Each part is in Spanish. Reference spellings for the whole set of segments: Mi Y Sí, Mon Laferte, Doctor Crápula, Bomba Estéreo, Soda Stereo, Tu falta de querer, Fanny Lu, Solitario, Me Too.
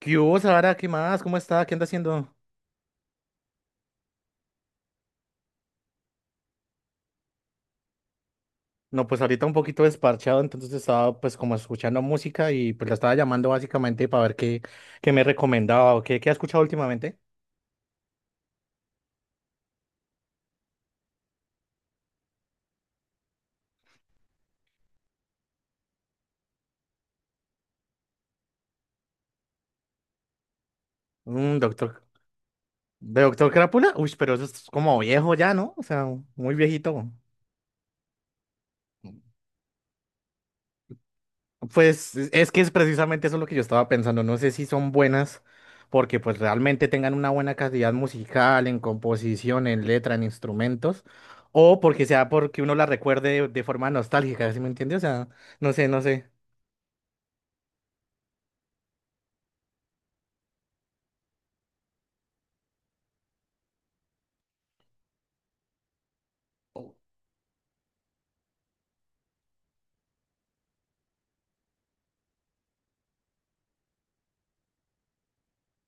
¿Qué hubo, Sara? ¿Qué más? ¿Cómo está? ¿Qué anda haciendo? No, pues ahorita un poquito desparchado, entonces estaba pues como escuchando música y pues la estaba llamando básicamente para ver qué me recomendaba o qué ha escuchado últimamente. Un doctor, ¿de Doctor Crápula? Uy, pero eso es como viejo ya, ¿no? O sea, muy viejito. Pues es que es precisamente eso lo que yo estaba pensando. No sé si son buenas porque pues realmente tengan una buena calidad musical, en composición, en letra, en instrumentos, o porque sea porque uno la recuerde de forma nostálgica, ¿sí me entiendes? O sea, no sé.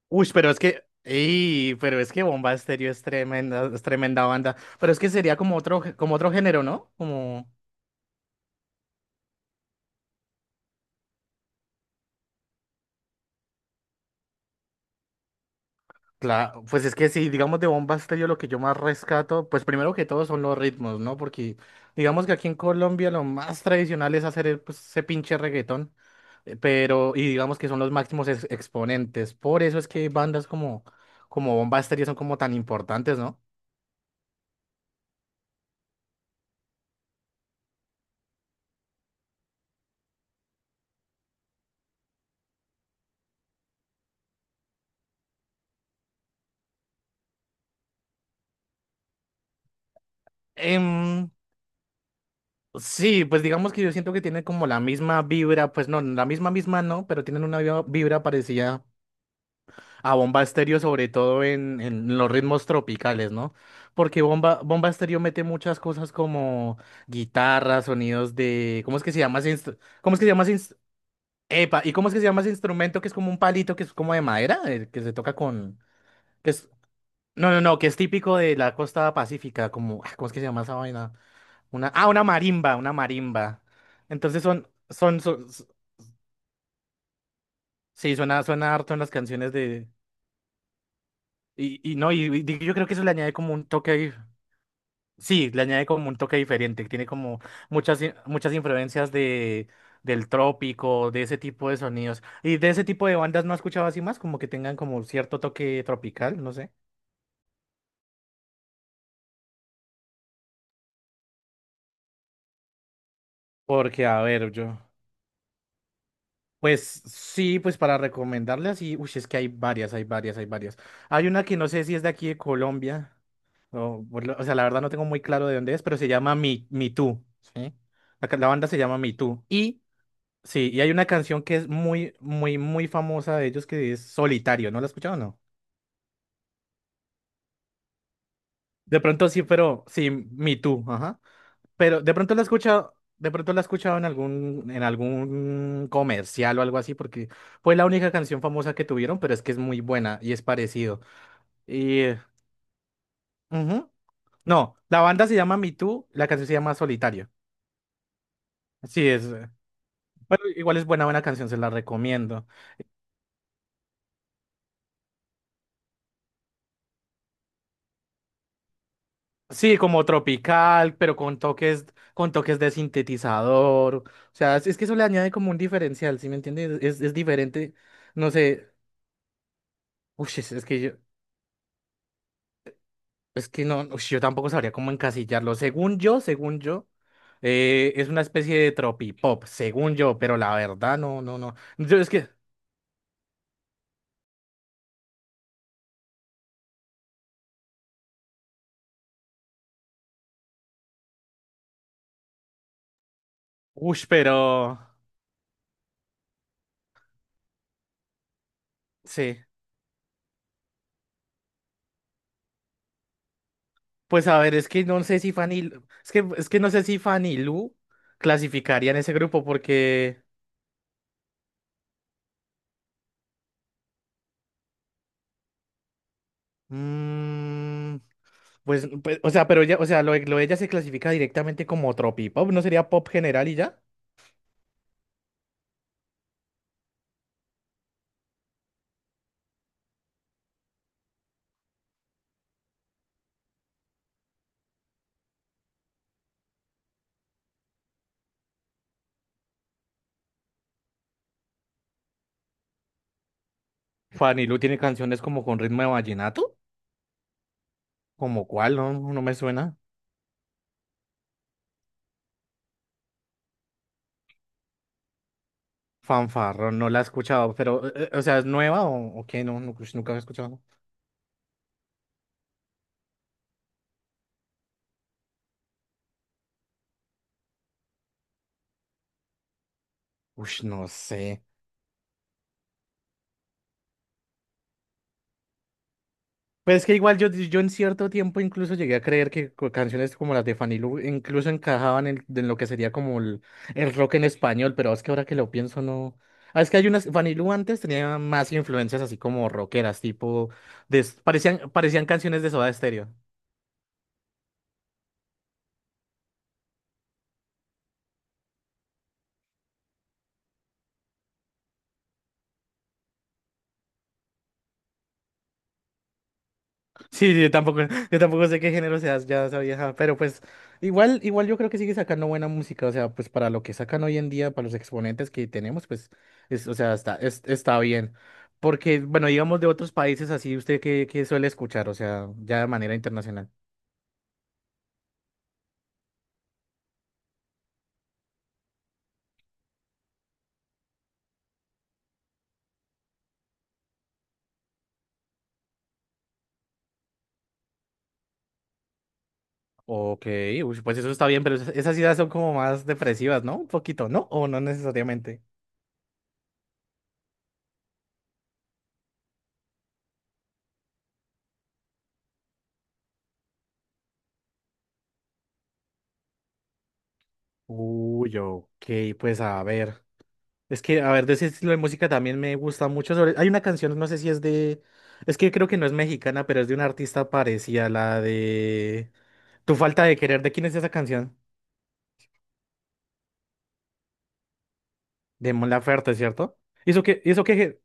Uy, pero es que, pero es que Bomba Estéreo es tremenda banda. Pero es que sería como otro, como otro género, ¿no? Como claro, pues es que si digamos de Bomba Estéreo lo que yo más rescato, pues primero que todo son los ritmos, ¿no? Porque digamos que aquí en Colombia lo más tradicional es hacer pues, ese pinche reggaetón, pero y digamos que son los máximos exponentes. Por eso es que bandas como Bomba Estéreo son como tan importantes, ¿no? Em, sí, pues digamos que yo siento que tienen como la misma vibra, pues no, la misma no, pero tienen una vibra parecida a Bomba Estéreo, sobre todo en los ritmos tropicales, ¿no? Porque Bomba Estéreo mete muchas cosas como guitarras, sonidos de. ¿Cómo es que se llama ese epa, ¿y cómo es que se llama ese instrumento que es como un palito que es como de madera? Que se toca con. Que es... No, no, no, que es típico de la costa pacífica, como. Ah, ¿cómo es que se llama esa vaina? Ah, una marimba, una marimba. Entonces sí, suena harto en las canciones de. Y no, y yo creo que eso le añade como un toque ahí. Sí, le añade como un toque diferente, que tiene como muchas influencias del trópico, de ese tipo de sonidos. Y de ese tipo de bandas no he escuchado así más, como que tengan como cierto toque tropical, no sé. Porque, a ver, yo, pues sí, pues para recomendarle así, uy, es que hay varias, hay varias, hay varias. Hay una que no sé si es de aquí de Colombia, o sea, la verdad no tengo muy claro de dónde es, pero se llama Mi Tú, ¿sí? La banda se llama Mi. Y Sí, y hay una canción que es muy famosa de ellos que es Solitario, ¿no la has escuchado o no? De pronto sí, pero sí, Me Too, ajá. Pero de pronto la he escuchado, de pronto la he escuchado en en algún comercial o algo así, porque fue la única canción famosa que tuvieron, pero es que es muy buena y es parecido. Y, eh, ujú. No, la banda se llama Me Too, la canción se llama Solitario. Sí, es, eh, bueno, igual es buena, buena canción, se la recomiendo. Sí, como tropical, pero con toques de sintetizador. O sea, es que eso le añade como un diferencial, ¿sí me entiendes? Es diferente, no sé. Uy, es que es que no, ush, yo tampoco sabría cómo encasillarlo. Según yo, es una especie de tropipop, según yo, pero la verdad, no, no, no. Yo es que, uy, pero sí. Pues a ver, es que no sé si es que, es que no sé si Fanny Lu clasificaría en ese grupo porque. mm, Pues, pues, o sea, pero ella, o sea, lo de ella se clasifica directamente como tropipop, ¿no sería pop general y ya? Fanny Lu tiene canciones como con ritmo de vallenato, como cuál, no, no me suena. Fanfarro, no la he escuchado, pero, o sea, ¿es nueva o qué? No, no, ush, nunca la he escuchado. Uy, no sé. Pues es que igual yo en cierto tiempo incluso llegué a creer que canciones como las de Fanny Lu incluso encajaban en lo que sería como el rock en español, pero es que ahora que lo pienso no... Ah, es que hay unas... Fanny Lu antes tenía más influencias así como rockeras, tipo... parecían canciones de Soda Stereo. Sí, sí, yo tampoco sé qué género seas, ya sabía, ajá, pero pues igual, igual yo creo que sigue sacando buena música, o sea, pues para lo que sacan hoy en día, para los exponentes que tenemos, pues, o sea, está bien. Porque, bueno, digamos de otros países así, ¿usted qué suele escuchar? O sea, ya de manera internacional. Ok, uy, pues eso está bien, pero esas ideas son como más depresivas, ¿no? Un poquito, ¿no? O no necesariamente. Uy, ok, pues a ver. De ese estilo de música también me gusta mucho. Hay una canción, no sé si es de... Es que creo que no es mexicana, pero es de una artista parecida, la de... Tu falta de querer, ¿de quién es esa canción? De Mon Laferte, ¿cierto? ¿Eso que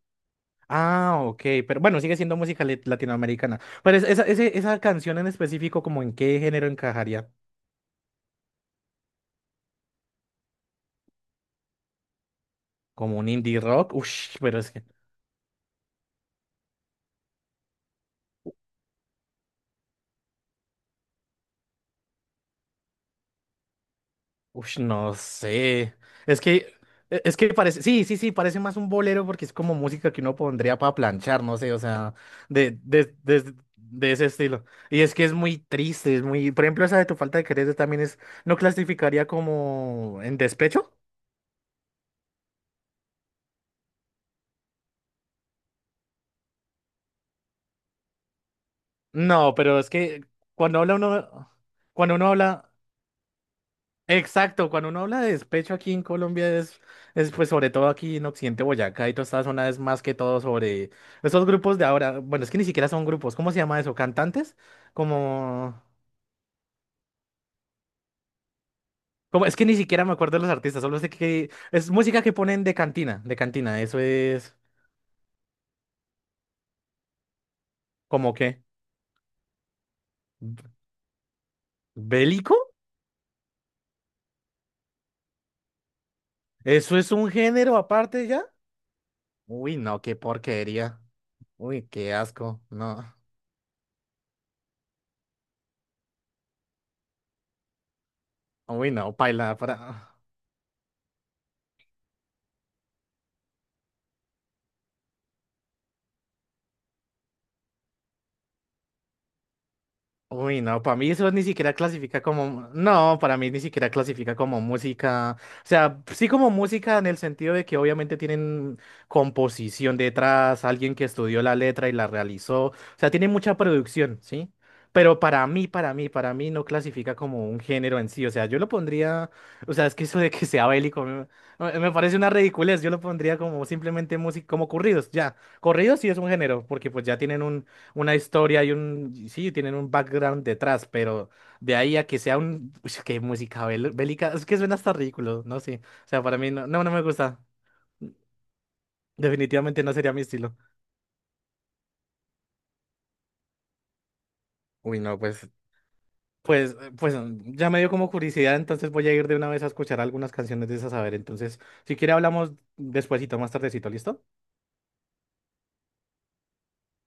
Ah, ok, pero bueno, sigue siendo música latinoamericana. Pero esa canción en específico, ¿como en qué género encajaría? ¿Como un indie rock? Ush, pero es que... Ush, no sé. Es que, es que parece, sí, sí, sí, parece más un bolero porque es como música que uno pondría para planchar, no sé, o sea, de ese estilo. Y es que es muy triste, es muy, por ejemplo, esa de tu falta de querer también es, ¿no clasificaría como en despecho? No, pero es que cuando habla uno, cuando uno habla... Exacto, cuando uno habla de despecho aquí en Colombia es pues sobre todo aquí en Occidente Boyacá y toda esta zona es más que todo sobre esos grupos de ahora, bueno, es que ni siquiera son grupos, ¿cómo se llama eso? ¿Cantantes? Como, como es que ni siquiera me acuerdo de los artistas, solo sé que es música que ponen de cantina, eso es como que bélico, eso es un género aparte ya. Uy, no, qué porquería. Uy, qué asco. No. Uy, no, paila para uy, no, para mí eso ni siquiera clasifica como, no, para mí ni siquiera clasifica como música, o sea, sí como música en el sentido de que obviamente tienen composición detrás, alguien que estudió la letra y la realizó, o sea, tiene mucha producción, ¿sí? Pero para mí no clasifica como un género en sí, o sea, yo lo pondría, o sea, es que eso de que sea bélico me parece una ridiculez, yo lo pondría como simplemente música, como corridos, ya, corridos sí es un género, porque pues ya tienen una historia y un, sí, tienen un background detrás, pero de ahí a que sea un, uy, qué música bélica, es que suena hasta ridículo, no sé, o sea, para mí no, no, no me gusta, definitivamente no sería mi estilo. Uy, no, pues pues, pues ya me dio como curiosidad, entonces voy a ir de una vez a escuchar algunas canciones de esas, a ver, entonces, si quiere hablamos despuesito, más tardecito, ¿listo?